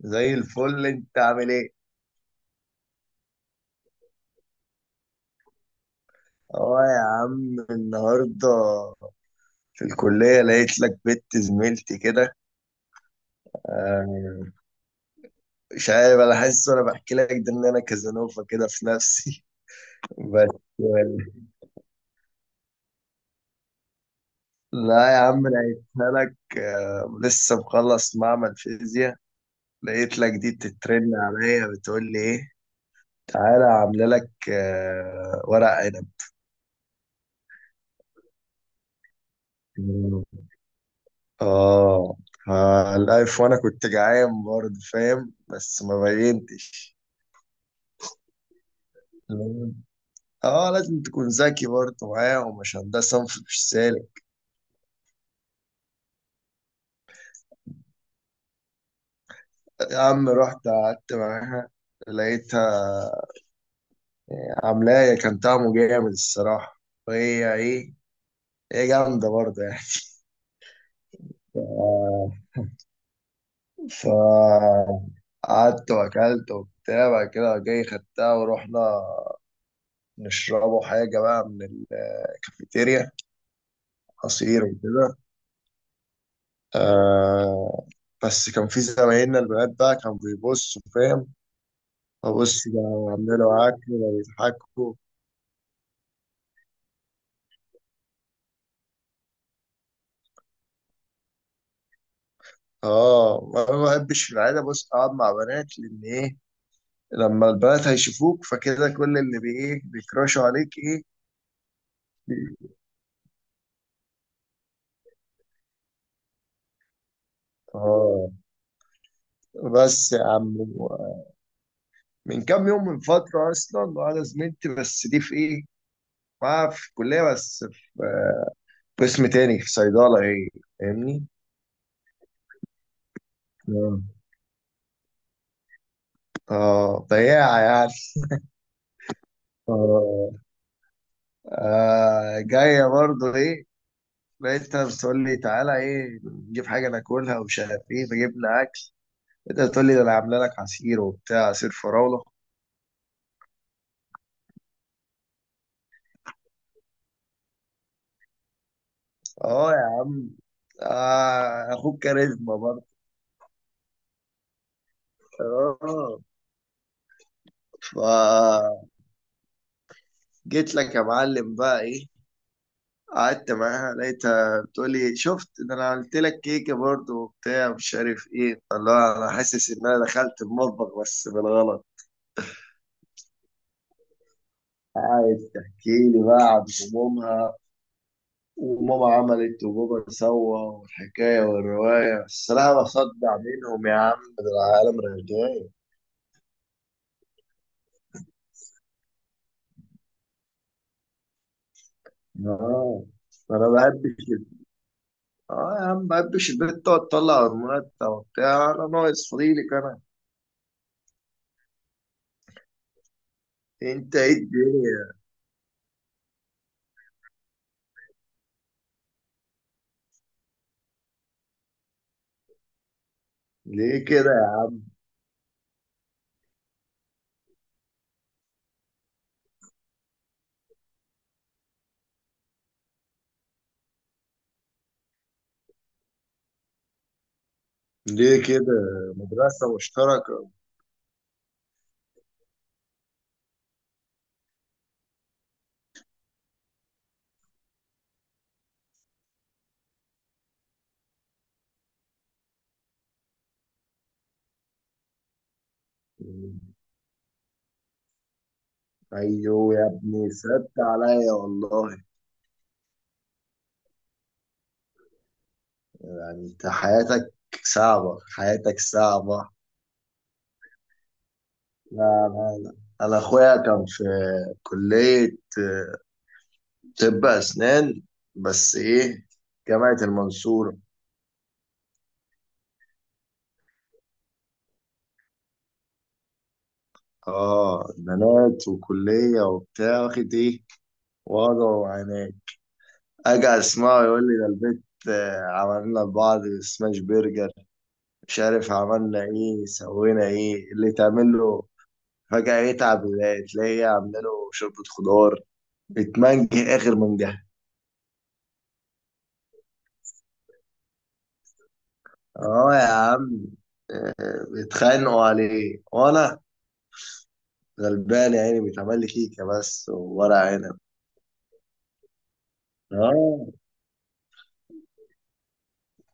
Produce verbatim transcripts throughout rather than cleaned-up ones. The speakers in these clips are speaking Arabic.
زي الفل انت عامل ايه؟ اه يا عم، النهارده في الكلية لقيت لك بنت زميلتي كده. آه، مش عارف، انا حاسس وانا بحكي لك ده ان انا كازانوفا كده في نفسي. بس لا يا عم، لقيتها لك. آه، لسه مخلص معمل فيزياء، لقيت لك دي بتترن عليا، بتقول لي ايه تعالى عامله لك آه، ورق عنب. اه، آه، الألف، وأنا كنت جعان برضه فاهم، بس ما بينتش. اه لازم تكون ذكي برضه معاهم عشان ده صنف مش سالك. يا عم رحت قعدت معاها، لقيتها عاملاية كان طعمه جامد الصراحة. وهي ايه، هي جامدة برضه يعني. آه، فقعدت وأكلت وبتاع، بعد كده جاي خدتها ورحنا نشربوا حاجة بقى من الكافيتيريا، عصير وكده. آه. بس كان في زمايلنا البنات بقى كانوا بيبصوا فاهم، ببص ده عاملوا عك بيضحكوا. اه انا ما بحبش في العاده، بص، اقعد مع بنات، لان ايه، لما البنات هيشوفوك فكده كل اللي بي ايه بيكراشوا عليك ايه. اه بس يا عم، من كام يوم، من فتره اصلا، وانا زميلتي بس دي في ايه، معاها في الكليه بس، في قسم تاني في صيدله ايه، فاهمني. اه، آه، بياعه يعني. اه، آه، جاية برضه ايه، لقيتها بتقول لي تعالى ايه نجيب حاجة ناكلها ومش عارف ايه، فجبنا أكل. لقيتها بتقول لي ده أنا عاملة لك عصير وبتاع، عصير فراولة. اه يا عم، آه، أخوك كاريزما برضه. اه، فجيت لك يا معلم بقى ايه، قعدت معاها لقيتها بتقول لي شفت ده أنا عملت لك كيكة برضه وبتاع، مش عارف ايه، الله، أنا حاسس إن أنا دخلت المطبخ بس بالغلط. عايز تحكي لي بقى عن همومها، وماما عملت وبابا سوى والحكاية والرواية، الصراحة بصدع منهم يا عم، ده العالم رغاية. اه، أنا ما بحبش ال- اه يا عم، ما بحبش البنت تقعد تطلع هرمونات وبتاع، أنا ناقص فضيلك أنا. أنت إيه الدنيا؟ ليه كده يا عم؟ ليه كده، مدرسة مشتركة؟ أيوه يا ابني، صدت عليا والله. يعني أنت حياتك صعبة، حياتك صعبة؟ لا، لا، لا، انا اخويا كان في كلية آه، طب اسنان، بس ايه، جامعة المنصورة. اه بنات وكلية وبتاع، واخد ايه، وضع وعناد. اجي اسمعه يقول لي ده البيت آه، عملنا لبعض سماش برجر، مش عارف عملنا ايه سوينا ايه اللي تعمل له. فجأة يتعب تلاقيه عامله شوربة خضار بتمنج اخر. من اه يا عم، آه، بيتخانقوا عليه وانا غلبان يا عيني، بيتعمل لي كيكه بس وورق عنب. اه.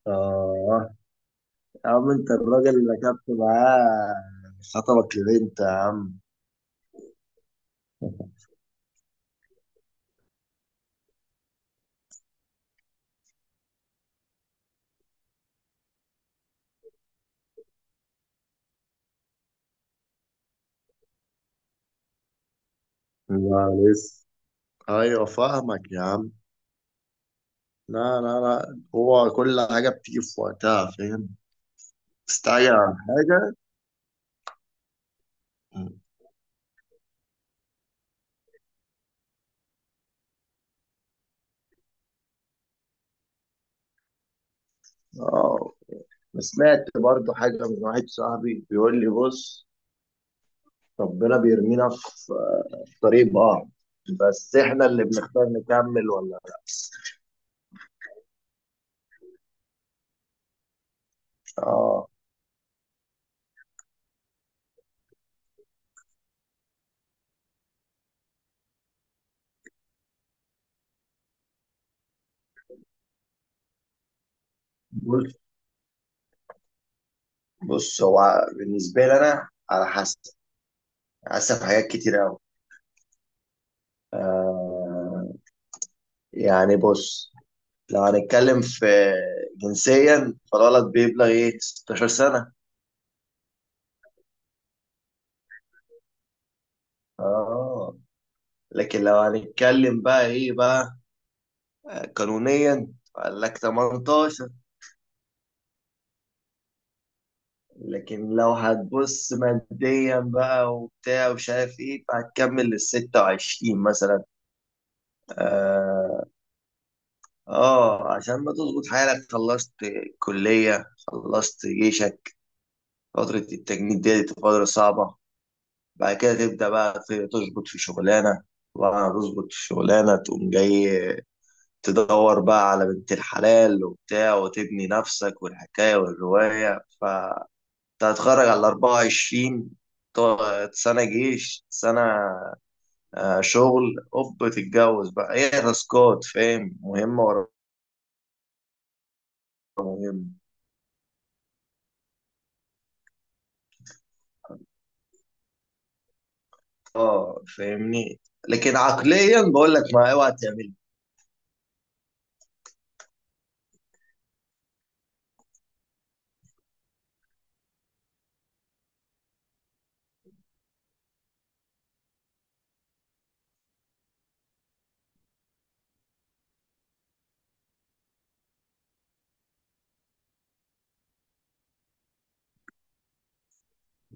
اه يا عم، انت الراجل اللي ركبت معاه، خطبك لبنت يا عم. لا لسه. ايوه فاهمك يا عم. لا لا لا، هو كل حاجه بتيجي في وقتها، فاهم، تستعجل على حاجه. اه، أنا سمعت برضو حاجه من واحد صاحبي، بيقول لي بص، ربنا بيرمينا في في طريق بعض، بس احنا اللي بنختار نكمل ولا لا. اه، بص، بص، هو بالنسبه لي انا على حسب، على حسب حاجات كتير قوي. آه، يعني بص، لو هنتكلم في جنسيا، فالولد بيبلغ ايه ستاشر سنه. اه لكن لو هنتكلم بقى ايه بقى آه، قانونيا، قال لك تمنتاشر. لكن لو هتبص ماديا بقى وبتاع ومش عارف ايه، فهتكمل لل ستة وعشرين مثلا. اه، آه، عشان ما تظبط حالك، خلصت كلية، خلصت جيشك، فترة التجنيد دي، دي فترة صعبة. بعد كده تبدأ بقى ت- تظبط في شغلانة، وبعد ما تظبط في شغلانة تقوم جاي تدور بقى على بنت الحلال وبتاع، وتبني نفسك والحكاية والرواية. كنت هتخرج على أربعة وعشرين. ط- سنة جيش، سنة آه، شغل اوب، تتجوز بقى، هي تاسكات فاهم، مهمة ورا مهمة. اه فاهمني. لكن عقليا بقول لك ما اوعى تعمل.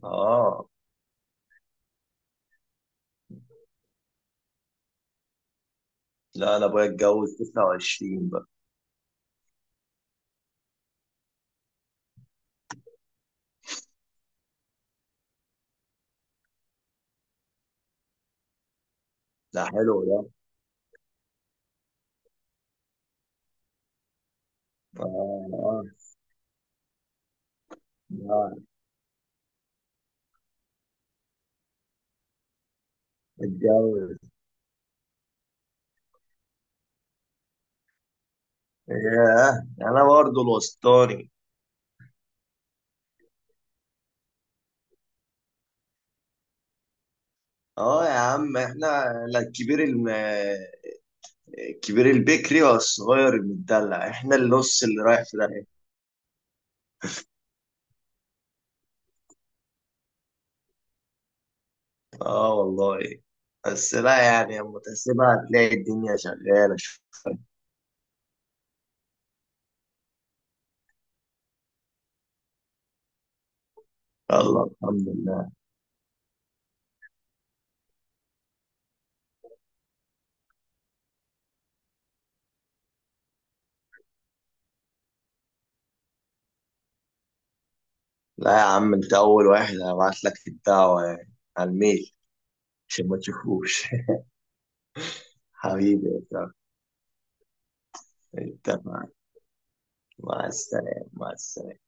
اه، لا انا ابويا اتجوز تسعة وعشرين بقى. ده حلو ده. اه. اه، آه، اتجوز. ياه، انا برضه الوسطاني. اه يا عم، احنا لا، الكبير، الكبير البكري والصغير المدلع، احنا النص اللي رايح في داهية. اه والله. بس لا يعني، لما تحسبها هتلاقي الدنيا شغالة. الله، الحمد لله. لا يا عم، انت اول واحد هبعت لك الدعوة، يعني على الميل، عشان ما تشوفوش. حبيبي يا صاحبي، اتفقنا. مع السلامة، مع السلامة.